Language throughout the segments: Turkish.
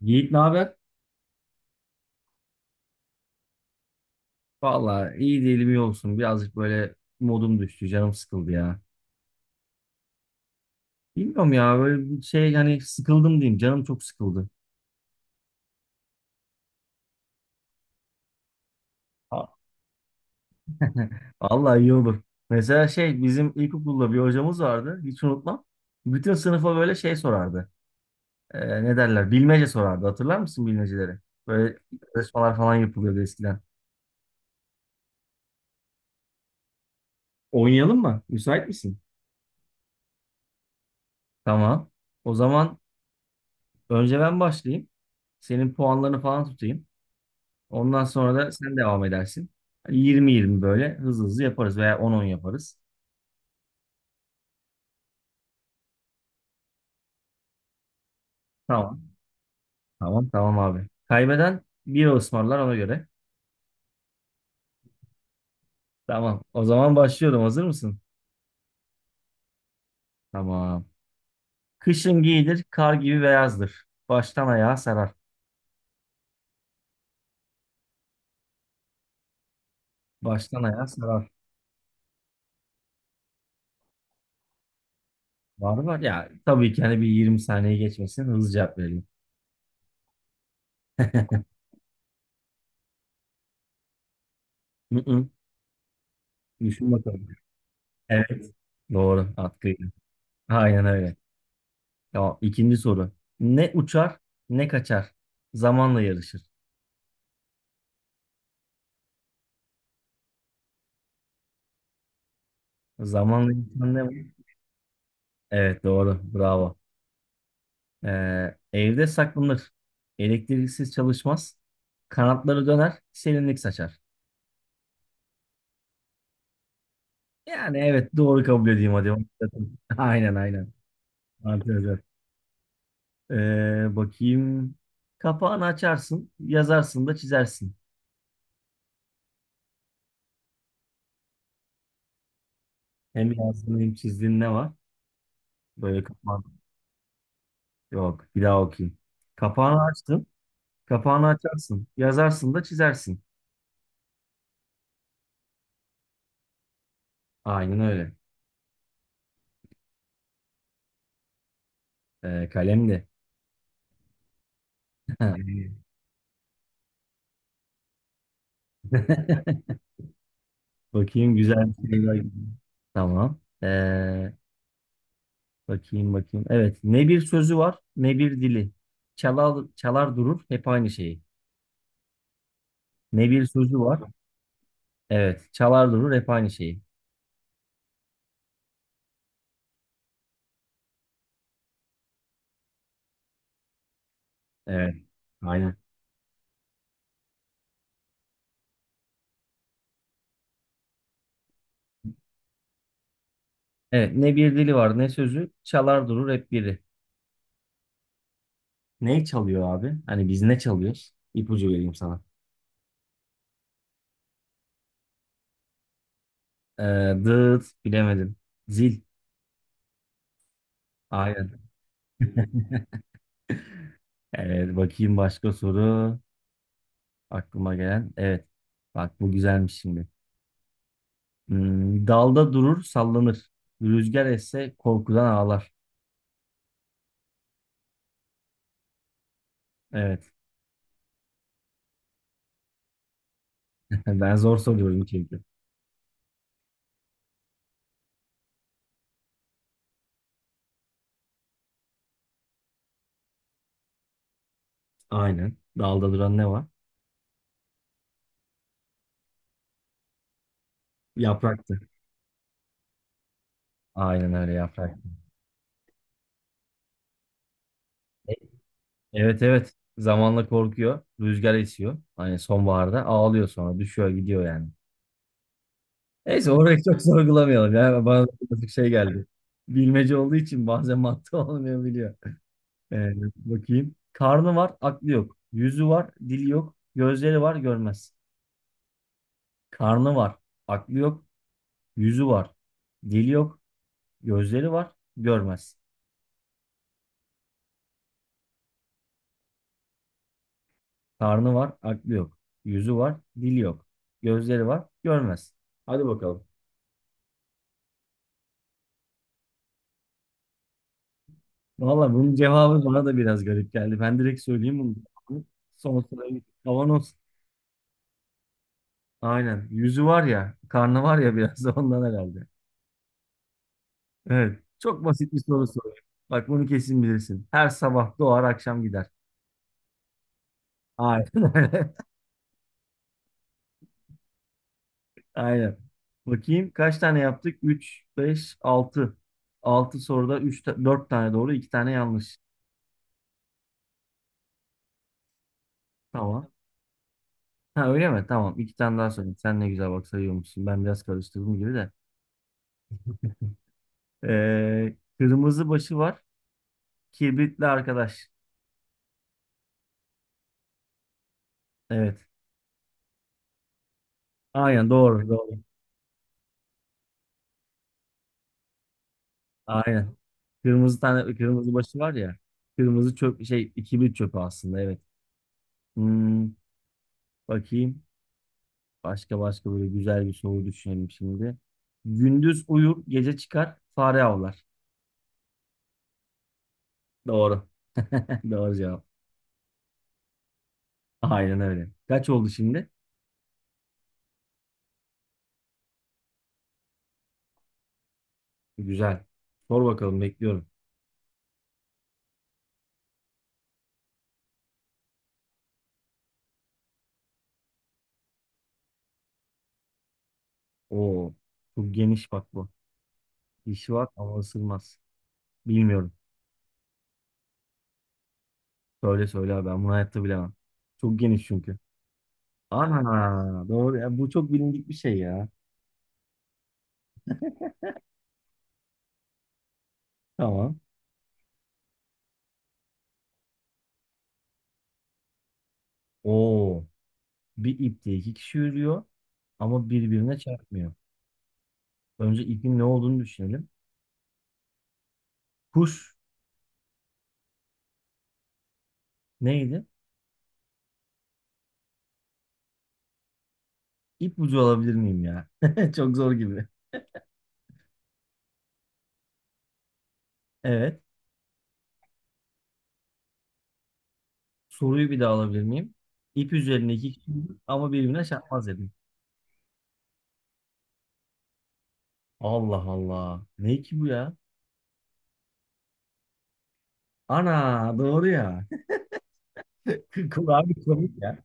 Yiğit ne haber? Valla iyi değilim, iyi olsun. Birazcık böyle modum düştü. Canım sıkıldı ya. Bilmiyorum ya, böyle bir şey, hani sıkıldım diyeyim. Canım çok sıkıldı. Ha, valla iyi olur. Mesela şey, bizim ilkokulda bir hocamız vardı. Hiç unutmam. Bütün sınıfa böyle şey sorardı. Ne derler? Bilmece sorardı. Hatırlar mısın bilmeceleri? Böyle yarışmalar falan yapılıyordu eskiden. Oynayalım mı? Müsait misin? Tamam. O zaman önce ben başlayayım. Senin puanlarını falan tutayım. Ondan sonra da sen devam edersin. Yirmi yirmi böyle hızlı hızlı yaparız, veya on on yaparız. Tamam. Tamam tamam abi. Kaybeden bira ısmarlar, ona göre. Tamam. O zaman başlıyorum. Hazır mısın? Tamam. Kışın giyilir, kar gibi beyazdır. Baştan ayağa sarar. Baştan ayağa sarar. Var var ya. Tabii ki, hani bir 20 saniye geçmesin. Hızlı cevap verelim. Hı hı. Düşün bakalım. Evet. Doğru. Atkıydı. Aynen öyle. Tamam. İkinci soru. Ne uçar, ne kaçar. Zamanla yarışır. Zamanla insan ne var? Evet doğru. Bravo. Evde saklanır. Elektriksiz çalışmaz. Kanatları döner. Serinlik saçar. Yani evet, doğru kabul edeyim hadi. Aynen aynen. Arkadaşlar. Bakayım. Kapağını açarsın. Yazarsın da çizersin. Hem yazdığın hem çizdiğin ne var? Böyle kapağın. Yok. Bir daha okuyayım. Kapağını açtın. Kapağını açarsın. Yazarsın da çizersin. Aynen öyle. Kalem de. Bakayım, güzel bir şey var. Tamam. Bakayım. Evet. Ne bir sözü var ne bir dili. Çalar, çalar durur hep aynı şeyi. Ne bir sözü var. Evet. Çalar durur hep aynı şeyi. Evet. Aynen. Evet. Ne bir dili var ne sözü. Çalar durur hep biri. Ne çalıyor abi? Hani biz ne çalıyoruz? İpucu vereyim sana. Ee, Dıt, bilemedim. Zil. Aynen. Evet. Bakayım başka soru. Aklıma gelen. Evet. Bak bu güzelmiş şimdi. Hmm, dalda durur, sallanır. Rüzgar esse korkudan ağlar. Evet. Ben zor soruyorum çünkü. Aynen. Dalda duran ne var? Yapraktı. Aynen öyle, yaprak. E- Evet evet. Zamanla korkuyor. Rüzgar esiyor. Hani sonbaharda ağlıyor sonra. Düşüyor gidiyor yani. Neyse, orayı çok sorgulamayalım. Ya bana birazcık şey geldi. Bilmece olduğu için bazen mantığı olmayabiliyor. Evet, bakayım. Karnı var, aklı yok. Yüzü var, dili yok. Gözleri var, görmez. Karnı var, aklı yok, yüzü var. Dili yok, gözleri var, görmez. Karnı var, aklı yok. Yüzü var, dili yok. Gözleri var, görmez. Hadi bakalım. Valla bunun cevabı bana da biraz garip geldi. Ben direkt söyleyeyim bunu. Son sırayı kavanoz. Aynen. Yüzü var ya, karnı var ya, biraz da ondan herhalde. Evet. Çok basit bir soru soruyorum. Bak bunu kesin bilirsin. Her sabah doğar, akşam gider. Aynen öyle. Aynen. Bakayım kaç tane yaptık? 3, 5, 6. 6 soruda 3, 4 tane doğru, 2 tane yanlış. Tamam. Ha öyle mi? Tamam. 2 tane daha söyleyeyim. Sen ne güzel bak sayıyormuşsun. Ben biraz karıştırdım gibi de. Kırmızı başı var. Kibritli arkadaş. Evet. Aynen doğru doğru. Aynen. Kırmızı tane, kırmızı başı var ya. Kırmızı çöp, şey, kibrit çöpü aslında, evet. Hmm, bakayım. Başka başka, böyle güzel bir soru düşünelim şimdi. Gündüz uyur, gece çıkar, fare avlar. Doğru. Doğru cevap. Aynen öyle. Kaç oldu şimdi? Güzel. Sor bakalım, bekliyorum. Oo, çok geniş bak bu. Dişi var ama ısırmaz. Bilmiyorum. Söyle söyle abi, ben bunu hayatta bilemem. Çok geniş çünkü. Ana doğru. Ya bu çok bilindik bir şey ya. Tamam. Oo, bir ipte iki kişi yürüyor ama birbirine çarpmıyor. Önce ipin ne olduğunu düşünelim. Kuş. Neydi? İpucu alabilir miyim ya? Çok zor gibi. Evet. Soruyu bir daha alabilir miyim? İp üzerinde iki kişi ama birbirine çarpmaz dedim. Allah Allah. Ne ki bu ya? Ana doğru ya. Abi komik ya.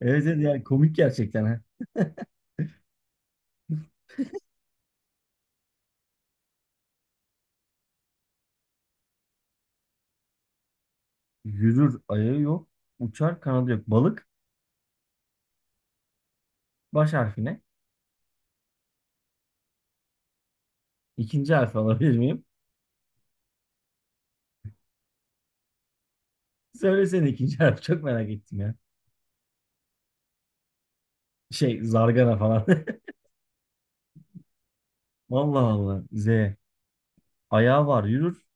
Evet, evet, yani komik gerçekten. Ha. Yürür ayağı yok. Uçar kanadı yok. Balık baş harfine. İkinci harfi alabilir miyim? Söylesene ikinci harfi. Çok merak ettim ya. Şey, zargana falan. Allah Allah. Z. Ayağı var yürür.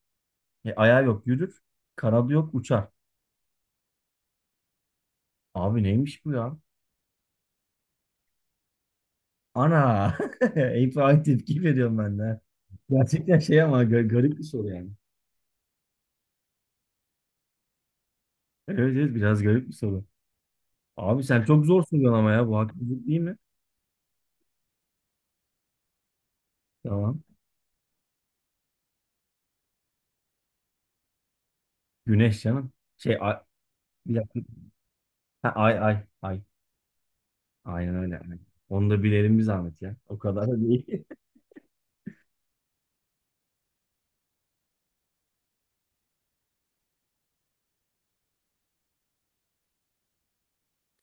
E, ayağı yok yürür. Kanadı yok uçar. Abi neymiş bu ya? Ana! Hep aynı tepki veriyorum ben de. Ha. Gerçekten şey ama garip bir soru yani. Evet evet, biraz garip bir soru. Abi sen çok zor soruyorsun ama ya, bu haksızlık değil mi? Tamam. Güneş canım. Şey, ay, bir dakika. Ha, ay ay ay. Aynen öyle. Aynen. Onu da bilelim bir zahmet ya. O kadar da değil.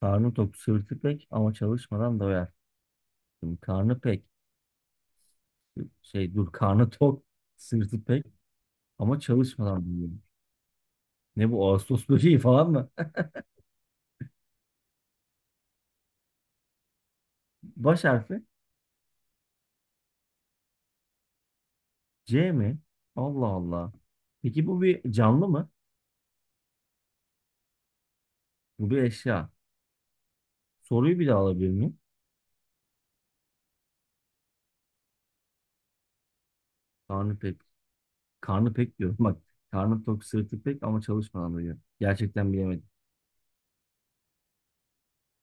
Karnı tok, sırtı pek ama çalışmadan doyar. Şimdi karnı pek. Şey dur, karnı tok, sırtı pek ama çalışmadan doyar. Ne bu, Ağustos böceği falan mı? Baş harfi C mi? Allah Allah. Peki bu bir canlı mı? Bu bir eşya. Soruyu bir daha alabilir miyim? Karnı pek. Karnı pek diyorum. Bak, karnı tok sırtı pek ama çalışmadan diyor. Gerçekten bilemedim.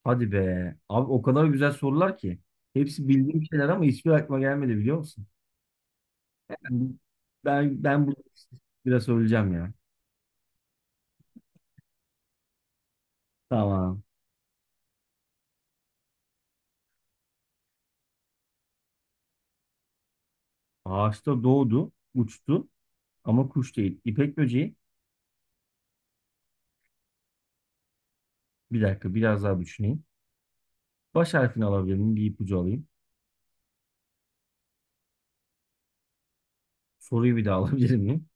Hadi be. Abi o kadar güzel sorular ki. Hepsi bildiğim şeyler ama hiçbir aklıma gelmedi biliyor musun? Yani ben bunu biraz söyleyeceğim ya. Tamam. Ağaçta doğdu, uçtu ama kuş değil. İpek böceği. Bir dakika, biraz daha düşüneyim. Baş harfini alabilir miyim? Bir ipucu alayım. Soruyu bir daha alabilir miyim?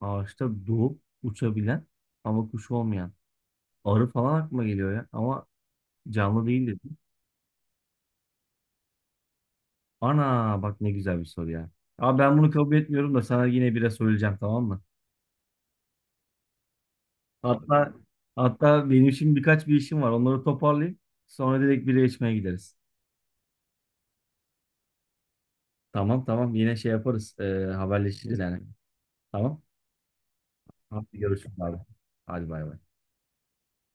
Ağaçta doğup uçabilen ama kuş olmayan. Arı falan aklıma geliyor ya. Ama canlı değil dedim. Ana bak, ne güzel bir soru ya. Abi ben bunu kabul etmiyorum, da sana yine bire söyleyeceğim tamam mı? Hatta hatta benim şimdi birkaç bir işim var. Onları toparlayayım. Sonra direkt bire içmeye gideriz. Tamam tamam, yine şey yaparız. Haberleşiriz yani. Tamam. Hadi görüşürüz abi. Hadi bay bay.